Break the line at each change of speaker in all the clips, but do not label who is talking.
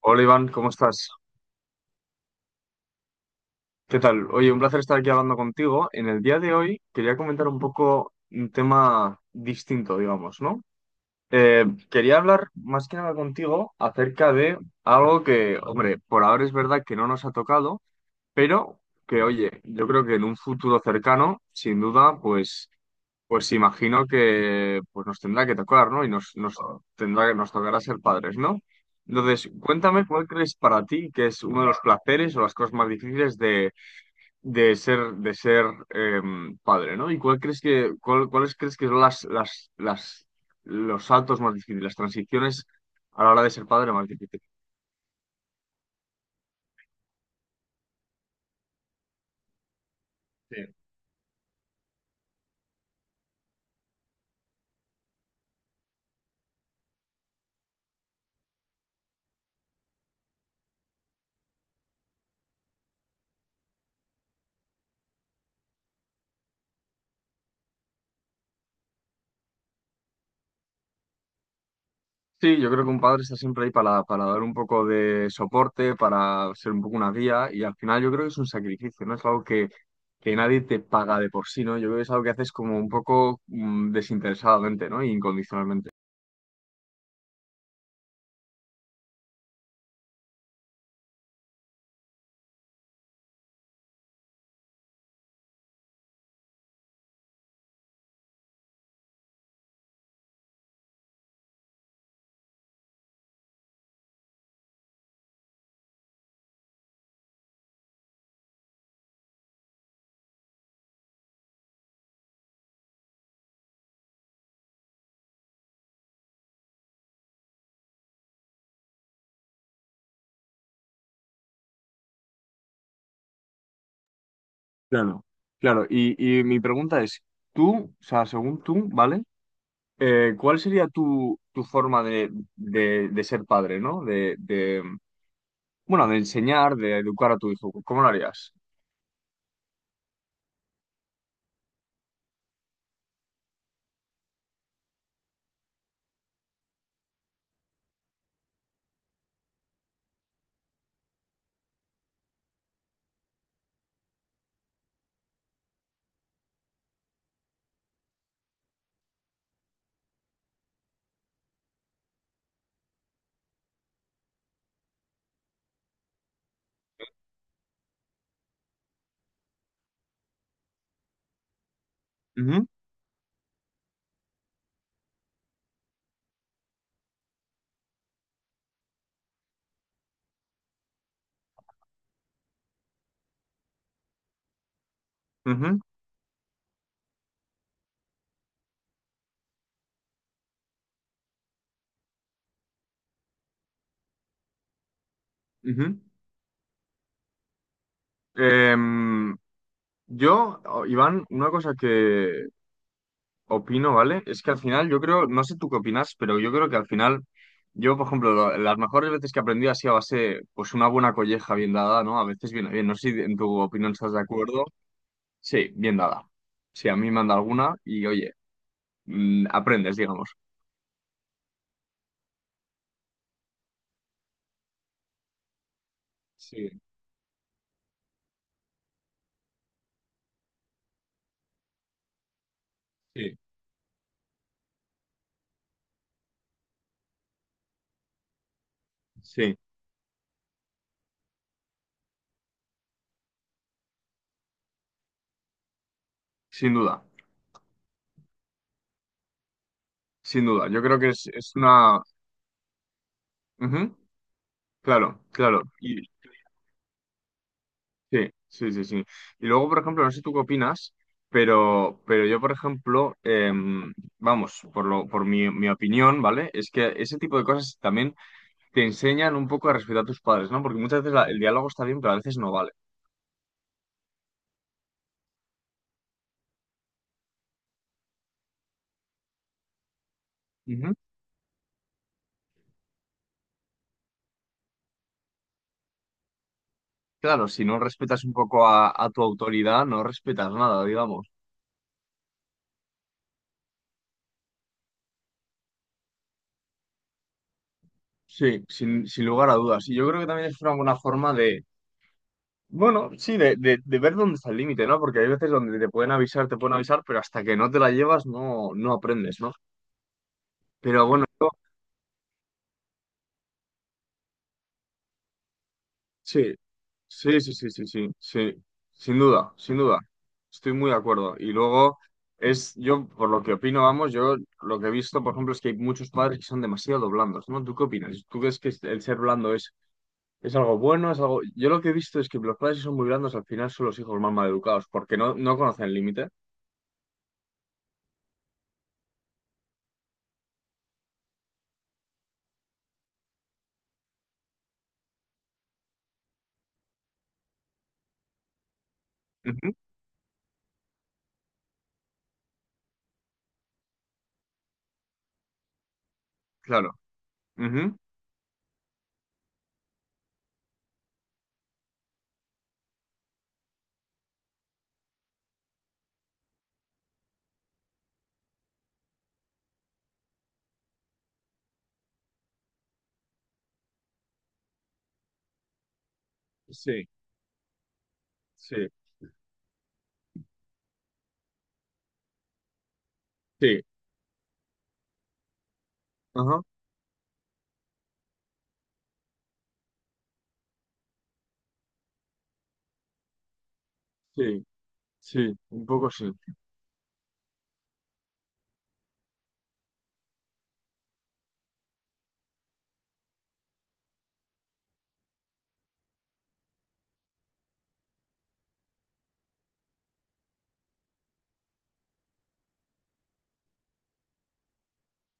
Hola Iván, ¿cómo estás? ¿Qué tal? Oye, un placer estar aquí hablando contigo. En el día de hoy quería comentar un poco un tema distinto, digamos, ¿no? Eh, Quería hablar más que nada contigo acerca de algo que, hombre, por ahora es verdad que no nos ha tocado, pero que, oye, yo creo que en un futuro cercano, sin duda, pues pues imagino que pues nos tendrá que tocar, ¿no? Y nos tendrá que nos tocará ser padres, ¿no? Entonces, cuéntame cuál crees para ti que es uno de los placeres o las cosas más difíciles de ser padre, ¿no? Y cuál crees que, cuáles crees que son las los saltos más difíciles, las transiciones a la hora de ser padre más difíciles. Sí, yo creo que un padre está siempre ahí para dar un poco de soporte, para ser un poco una guía y al final yo creo que es un sacrificio, ¿no? Es algo que nadie te paga de por sí, ¿no? Yo creo que es algo que haces como un poco desinteresadamente, ¿no? E incondicionalmente. Claro. Claro, y mi pregunta es, tú, o sea, según tú, ¿vale? ¿Cuál sería tu, tu forma de ser padre, ¿no? De, bueno, de enseñar, de educar a tu hijo. ¿Cómo lo harías? Ujú, ujú, ujú. Em, Yo, Iván, una cosa que opino, ¿vale? Es que al final yo creo, no sé tú qué opinas, pero yo creo que al final, yo, por ejemplo, las mejores veces que he aprendido ha sido a base, pues una buena colleja bien dada, ¿no? A veces viene bien, no sé si en tu opinión estás de acuerdo. Sí, bien dada. Sí, a mí me han dado alguna y oye, aprendes, digamos. Sí, sí, sí, sin duda, sin duda. Yo creo que es una... Ujú, claro, claro. Sí, sí, sí, sí. Y luego, por ejemplo, no sé tú qué opinas, pero yo, por ejemplo, vamos, por lo, por mi, mi opinión, ¿vale? Es que ese tipo de cosas también te enseñan un poco a respetar a tus padres, ¿no? Porque muchas veces el diálogo está bien, pero a veces no vale. Ujú. Claro, si no respetas un poco a tu autoridad, no respetas nada, digamos. Sí, sin, sin lugar a dudas. Y yo creo que también es una buena forma de, bueno, sí, de ver dónde está el límite, ¿no? Porque hay veces donde te pueden avisar, pero hasta que no te la llevas no, no aprendes, ¿no? Pero bueno, sí, sí, sí, sí, sí, sí, sí, sin duda, sin duda, estoy muy de acuerdo. Y luego es, yo por lo que opino, vamos, yo lo que he visto, por ejemplo, es que hay muchos padres que son demasiado blandos, ¿no? ¿Tú qué opinas? ¿Tú crees que el ser blando es algo bueno? Es algo... Yo lo que he visto es que los padres que son muy blandos al final son los hijos más mal educados, porque no, no conocen el límite. Ujú, claro. Ujú, sí, sí, sí, ajá, sí, sí, un poco sí.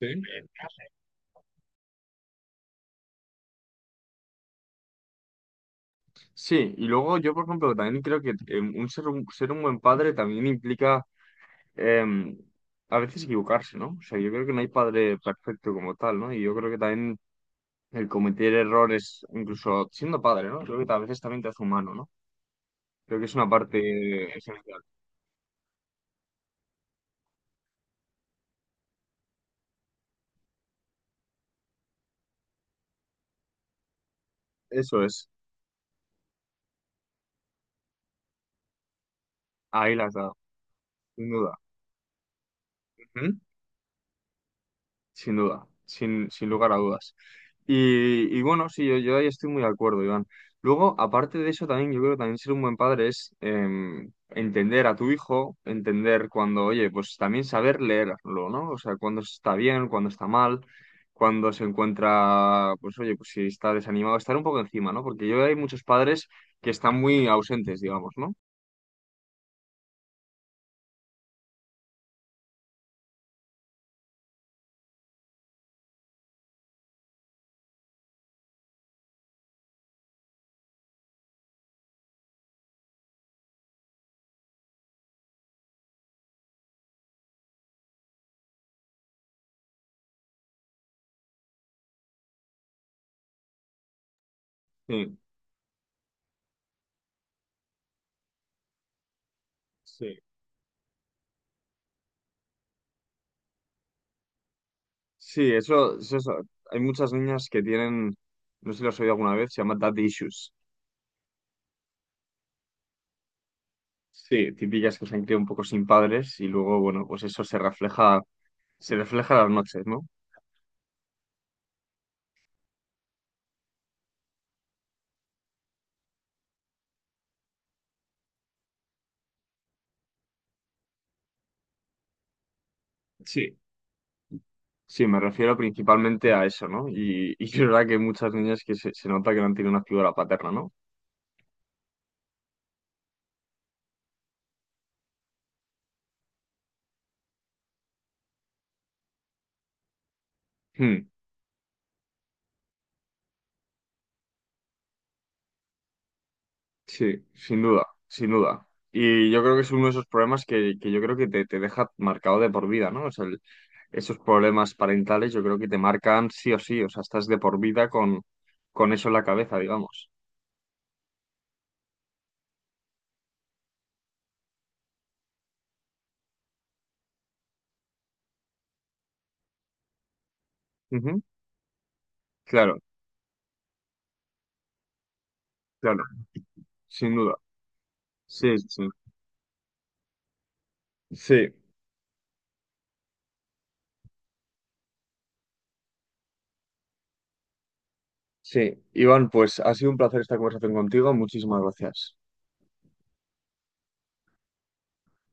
Sí. Sí, y luego yo, por ejemplo, también creo que un ser un, ser un buen padre también implica em, a veces equivocarse, ¿no? O sea, yo creo que no hay padre perfecto como tal, ¿no? Y yo creo que también el cometer errores, incluso siendo padre, ¿no? Creo que a veces también te hace humano, ¿no? Creo que es una parte esencial. Eso es, ahí la has dado, sin duda. Sin duda, sin, sin lugar a dudas. Y bueno, sí, yo ahí estoy muy de acuerdo, Iván. Luego, aparte de eso, también yo creo que también ser un buen padre es entender a tu hijo, entender cuando, oye, pues también saber leerlo, ¿no? O sea, cuando está bien, cuando está mal, cuando se encuentra, pues oye, pues si está desanimado, estar un poco encima, ¿no? Porque yo veo que hay muchos padres que están muy ausentes, digamos, ¿no? Sí. Sí. Sí, eso, hay muchas niñas que tienen, no sé si lo has oído alguna vez, se llama dad issues. Sí, típicas que se han criado un poco sin padres y luego, bueno, pues eso se refleja en las noches, ¿no? Sí. Sí, me refiero principalmente a eso, ¿no? Y es verdad que hay muchas niñas que se nota que no han tenido una figura paterna, ¿no? Hmm, sí, sin duda, sin duda. Y yo creo que es uno de esos problemas que yo creo que te deja marcado de por vida, ¿no? O sea, esos problemas parentales yo creo que te marcan sí o sí, o sea, estás de por vida con eso en la cabeza, digamos. Ujú. Claro, claro, sin duda. Sí, sí. Sí, sí. Iván, pues ha sido un placer esta conversación contigo. Muchísimas gracias.